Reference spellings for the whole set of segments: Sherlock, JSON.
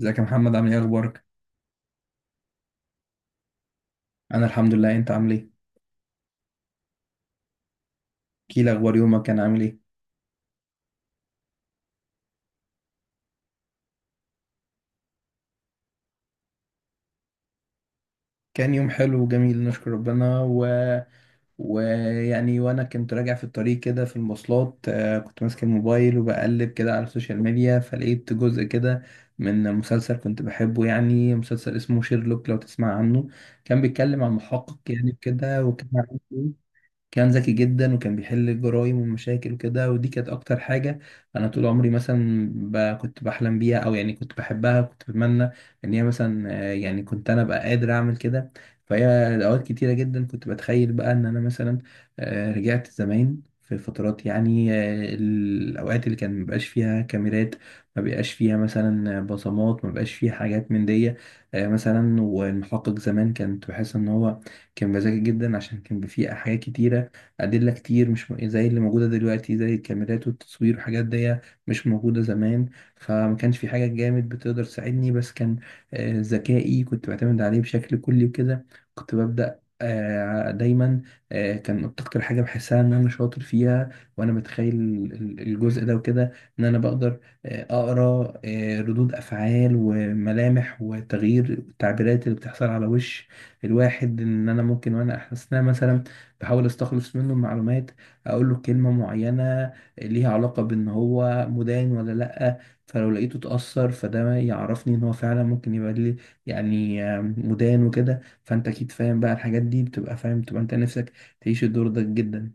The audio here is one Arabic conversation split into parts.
ازيك يا محمد؟ عامل ايه؟ اخبارك؟ انا الحمد لله. انت عامل ايه؟ احكيلي اخبار يومك، كان عامل ايه؟ كان يوم حلو وجميل، نشكر ربنا ويعني وانا كنت راجع في الطريق كده في المواصلات، كنت ماسك الموبايل وبقلب كده على السوشيال ميديا، فلقيت جزء كده من مسلسل كنت بحبه، يعني مسلسل اسمه شيرلوك، لو تسمع عنه. كان بيتكلم عن محقق يعني كده، وكان ذكي جدا، وكان بيحل الجرايم والمشاكل وكده، ودي كانت اكتر حاجة انا طول عمري مثلا كنت بحلم بيها، او يعني كنت بحبها، كنت بتمنى ان هي مثلا، يعني كنت انا ابقى قادر اعمل كده. فهي اوقات كتيرة جدا كنت بتخيل بقى ان انا مثلا، رجعت زمان في فترات، يعني، الاوقات اللي كان مبقاش فيها كاميرات، ما بقاش فيها مثلا بصمات، ما بقاش فيها حاجات من دي، مثلا. والمحقق زمان كنت بحس ان هو كان بذكي جدا، عشان كان فيه حاجات كتيرة، أدلة كتير مش زي اللي موجودة دلوقتي، زي الكاميرات والتصوير والحاجات دي، مش موجودة زمان. فما كانش في حاجة جامد بتقدر تساعدني، بس كان، ذكائي كنت بعتمد عليه بشكل كلي وكده. كنت ببدأ، دايما، كان أكتر حاجة بحسها إن أنا شاطر فيها، وأنا متخيل الجزء ده وكده، إن أنا بقدر، أقرأ، ردود أفعال وملامح وتغيير التعبيرات اللي بتحصل على وش الواحد، ان انا ممكن وانا احسنها مثلا بحاول استخلص منه المعلومات، اقول له كلمة معينة ليها علاقة بان هو مدان ولا لأ، فلو لقيته اتأثر فده يعرفني ان هو فعلا ممكن يبقى لي يعني مدان وكده، فانت اكيد فاهم بقى الحاجات دي، بتبقى فاهم، بتبقى انت نفسك تعيش الدور ده جدا.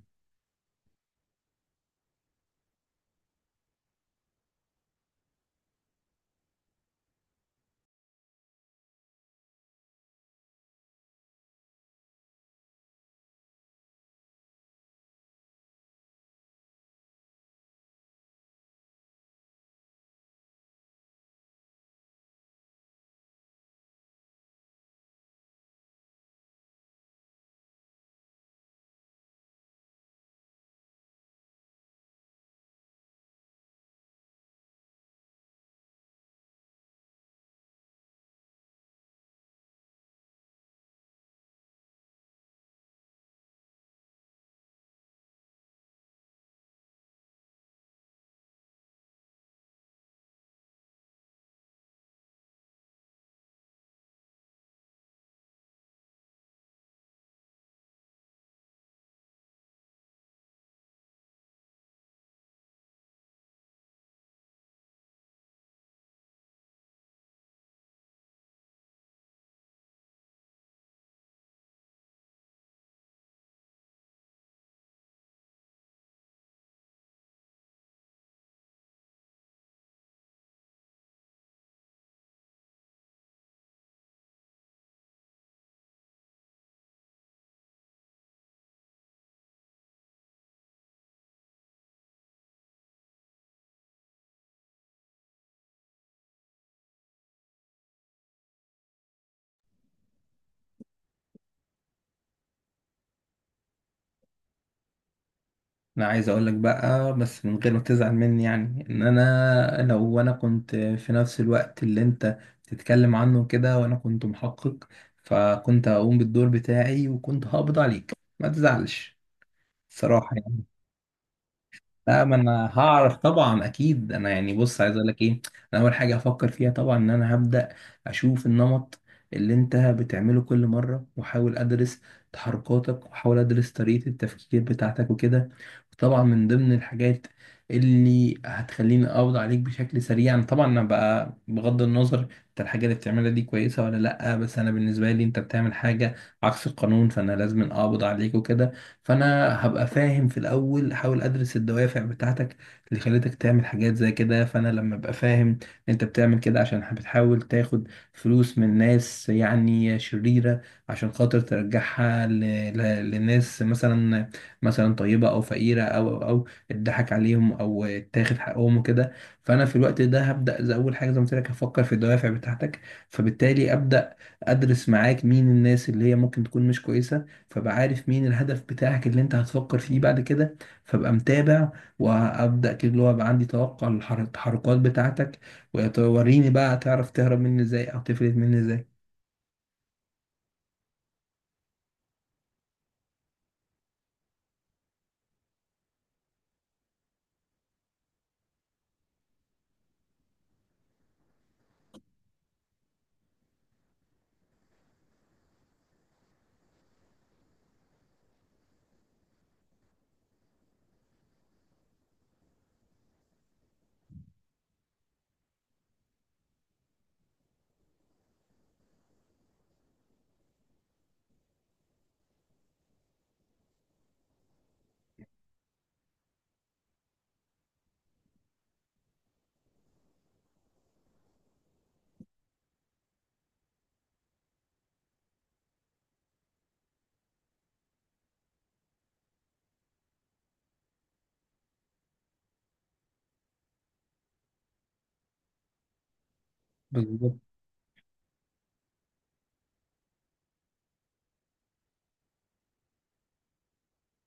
انا عايز اقول لك بقى بس من غير ما تزعل مني، يعني ان انا، لو انا كنت في نفس الوقت اللي انت بتتكلم عنه كده وانا كنت محقق، فكنت هقوم بالدور بتاعي وكنت هقبض عليك، ما تزعلش، صراحة يعني. لا، ما انا هعرف طبعا، اكيد، انا يعني بص، عايز اقول لك ايه. انا اول حاجة هفكر فيها طبعا ان انا هبدأ اشوف النمط اللي انت بتعمله كل مرة، واحاول ادرس تحركاتك، واحاول ادرس طريقة التفكير بتاعتك وكده. وطبعا من ضمن الحاجات اللي هتخليني اقبض عليك بشكل سريع، أنا طبعا انا بقى بغض النظر انت الحاجة اللي بتعملها دي كويسة ولا لا، بس انا بالنسبة لي انت بتعمل حاجة عكس القانون، فانا لازم اقبض عليك وكده. فانا هبقى فاهم في الاول، احاول ادرس الدوافع بتاعتك اللي خلتك تعمل حاجات زي كده، فانا لما ابقى فاهم انت بتعمل كده عشان بتحاول تاخد فلوس من ناس يعني شريرة، عشان خاطر ترجعها لناس مثلا، مثلا طيبة او فقيرة، او اتضحك عليهم، او اتاخد حقهم وكده. فانا في الوقت ده هبدا، زي اول حاجه زي ما قلت لك، هفكر في الدوافع بتاعتك، فبالتالي ابدا ادرس معاك مين الناس اللي هي ممكن تكون مش كويسة، فبقى عارف مين الهدف بتاعك اللي انت هتفكر فيه بعد كده، فبقى متابع، وابدا كده اللي هو بقى عندي توقع للتحركات بتاعتك، وتوريني بقى تعرف تهرب مني ازاي او تفلت مني ازاي. بالظبط.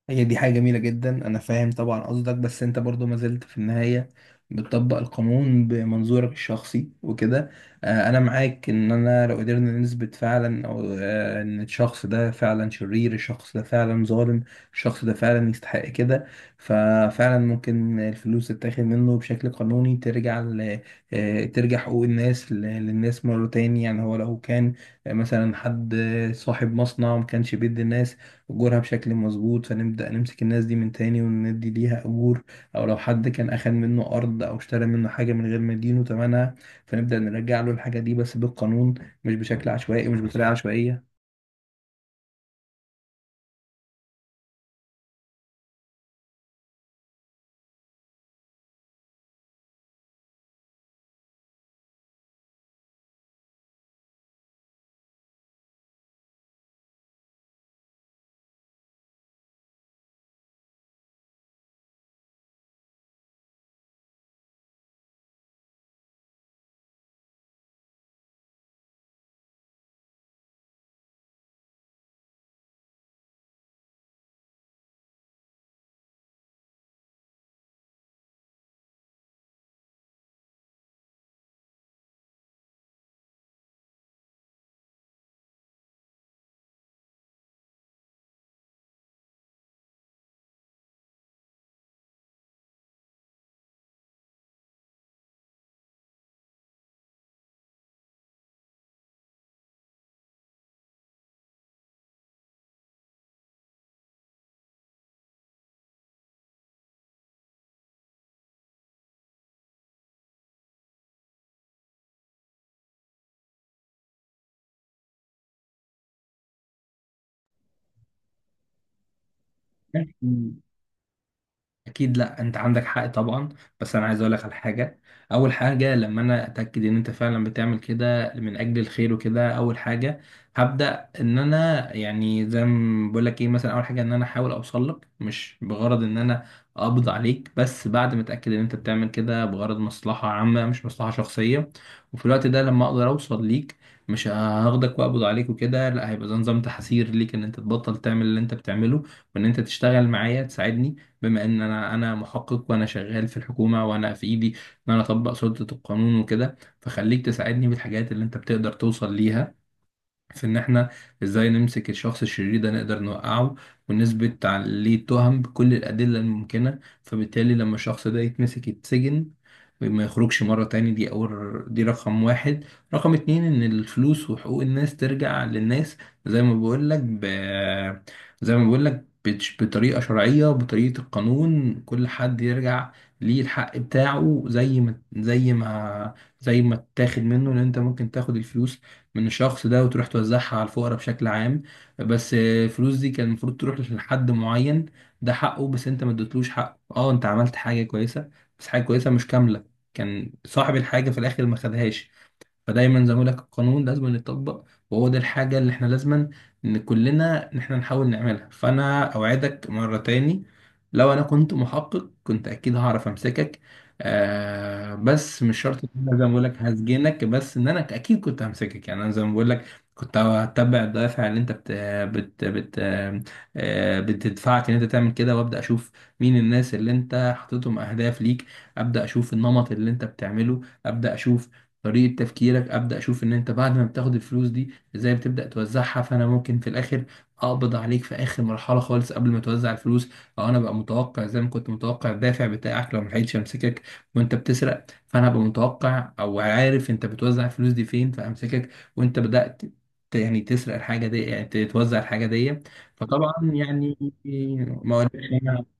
هي دي حاجة جميلة جدا، أنا فاهم طبعا قصدك، بس أنت برضو ما زلت في النهاية بتطبق القانون بمنظورك الشخصي وكده. أنا معاك إن أنا لو قدرنا نثبت فعلا، أو إن الشخص ده فعلا شرير، الشخص ده فعلا ظالم، الشخص ده فعلا يستحق كده، ففعلا ممكن الفلوس تتاخد منه بشكل قانوني، ترجع ترجع حقوق الناس للناس مرة تاني. يعني هو لو كان مثلا حد، صاحب مصنع ما كانش بيدي الناس أجورها بشكل مظبوط، فنبدأ نمسك الناس دي من تاني وندي ليها أجور. أو لو حد كان أخد منه أرض أو اشترى منه حاجة من غير ما يدينه تمنها، فنبدأ نرجع له الحاجة دي، بس بالقانون، مش بشكل عشوائي، مش بطريقة عشوائية. اكيد، لا انت عندك حق طبعا. بس انا عايز اقول لك على حاجه. اول حاجه، لما انا اتاكد ان انت فعلا بتعمل كده من اجل الخير وكده، اول حاجه هبدا ان انا، يعني زي ما بقول لك ايه، مثلا اول حاجه ان انا احاول اوصل لك، مش بغرض ان انا اقبض عليك، بس بعد ما اتاكد ان انت بتعمل كده بغرض مصلحه عامه مش مصلحه شخصيه. وفي الوقت ده لما اقدر اوصل ليك، مش هاخدك واقبض عليك وكده، لا، هيبقى ده نظام تحذير ليك ان انت تبطل تعمل اللي انت بتعمله، وان انت تشتغل معايا تساعدني، بما ان انا محقق وانا شغال في الحكومه، وانا في ايدي ان انا اطبق سلطه القانون وكده، فخليك تساعدني بالحاجات اللي انت بتقدر توصل ليها في ان احنا ازاي نمسك الشخص الشرير ده، نقدر نوقعه ونثبت عليه تهم بكل الادله الممكنه. فبالتالي لما الشخص ده يتمسك يتسجن ما يخرجش مره تاني، دي اول، دي رقم واحد. رقم اتنين، ان الفلوس وحقوق الناس ترجع للناس، زي ما بقول لك زي ما بقول لك، بطريقه شرعيه، بطريقه القانون، كل حد يرجع ليه الحق بتاعه زي ما اتاخد منه. لان انت ممكن تاخد الفلوس من الشخص ده وتروح توزعها على الفقراء بشكل عام، بس الفلوس دي كان المفروض تروح لحد معين، ده حقه، بس انت ما اديتلوش حقه. اه، انت عملت حاجة كويسة، بس حاجة كويسة مش كاملة، كان صاحب الحاجة في الآخر ما خدهاش. فدايما زي ما بقول لك، القانون لازم يتطبق، وهو ده الحاجة اللي احنا لازم، ان كلنا، ان احنا نحاول نعملها. فانا اوعدك مرة تاني، لو انا كنت محقق كنت اكيد هعرف امسكك. آه، بس مش شرط ان انا زي ما بقول لك هسجنك، بس ان انا اكيد كنت همسكك. يعني انا زي ما بقول لك كنت هتبع الدوافع اللي انت بت بت بت بتدفعك ان انت تعمل كده، وابدا اشوف مين الناس اللي انت حاططهم اهداف ليك، ابدا اشوف النمط اللي انت بتعمله، ابدا اشوف طريقة تفكيرك، أبدأ أشوف إن أنت بعد ما بتاخد الفلوس دي إزاي بتبدأ توزعها، فأنا ممكن في الآخر أقبض عليك في آخر مرحلة خالص قبل ما توزع الفلوس، أو أنا بقى متوقع زي ما كنت متوقع الدافع بتاعك، لو ملحقتش أمسكك وأنت بتسرق، فأنا بقى متوقع أو عارف أنت بتوزع الفلوس دي فين، فأمسكك وأنت بدأت يعني تسرق الحاجة دي، يعني توزع الحاجة دي. فطبعا يعني، ما اقولكش إن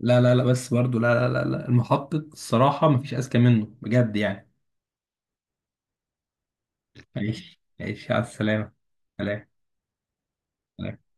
لا لا لا، بس برضو لا لا لا لا، المحقق الصراحة مفيش أذكى منه بجد يعني. عيش عيش على السلامة. سلام سلام.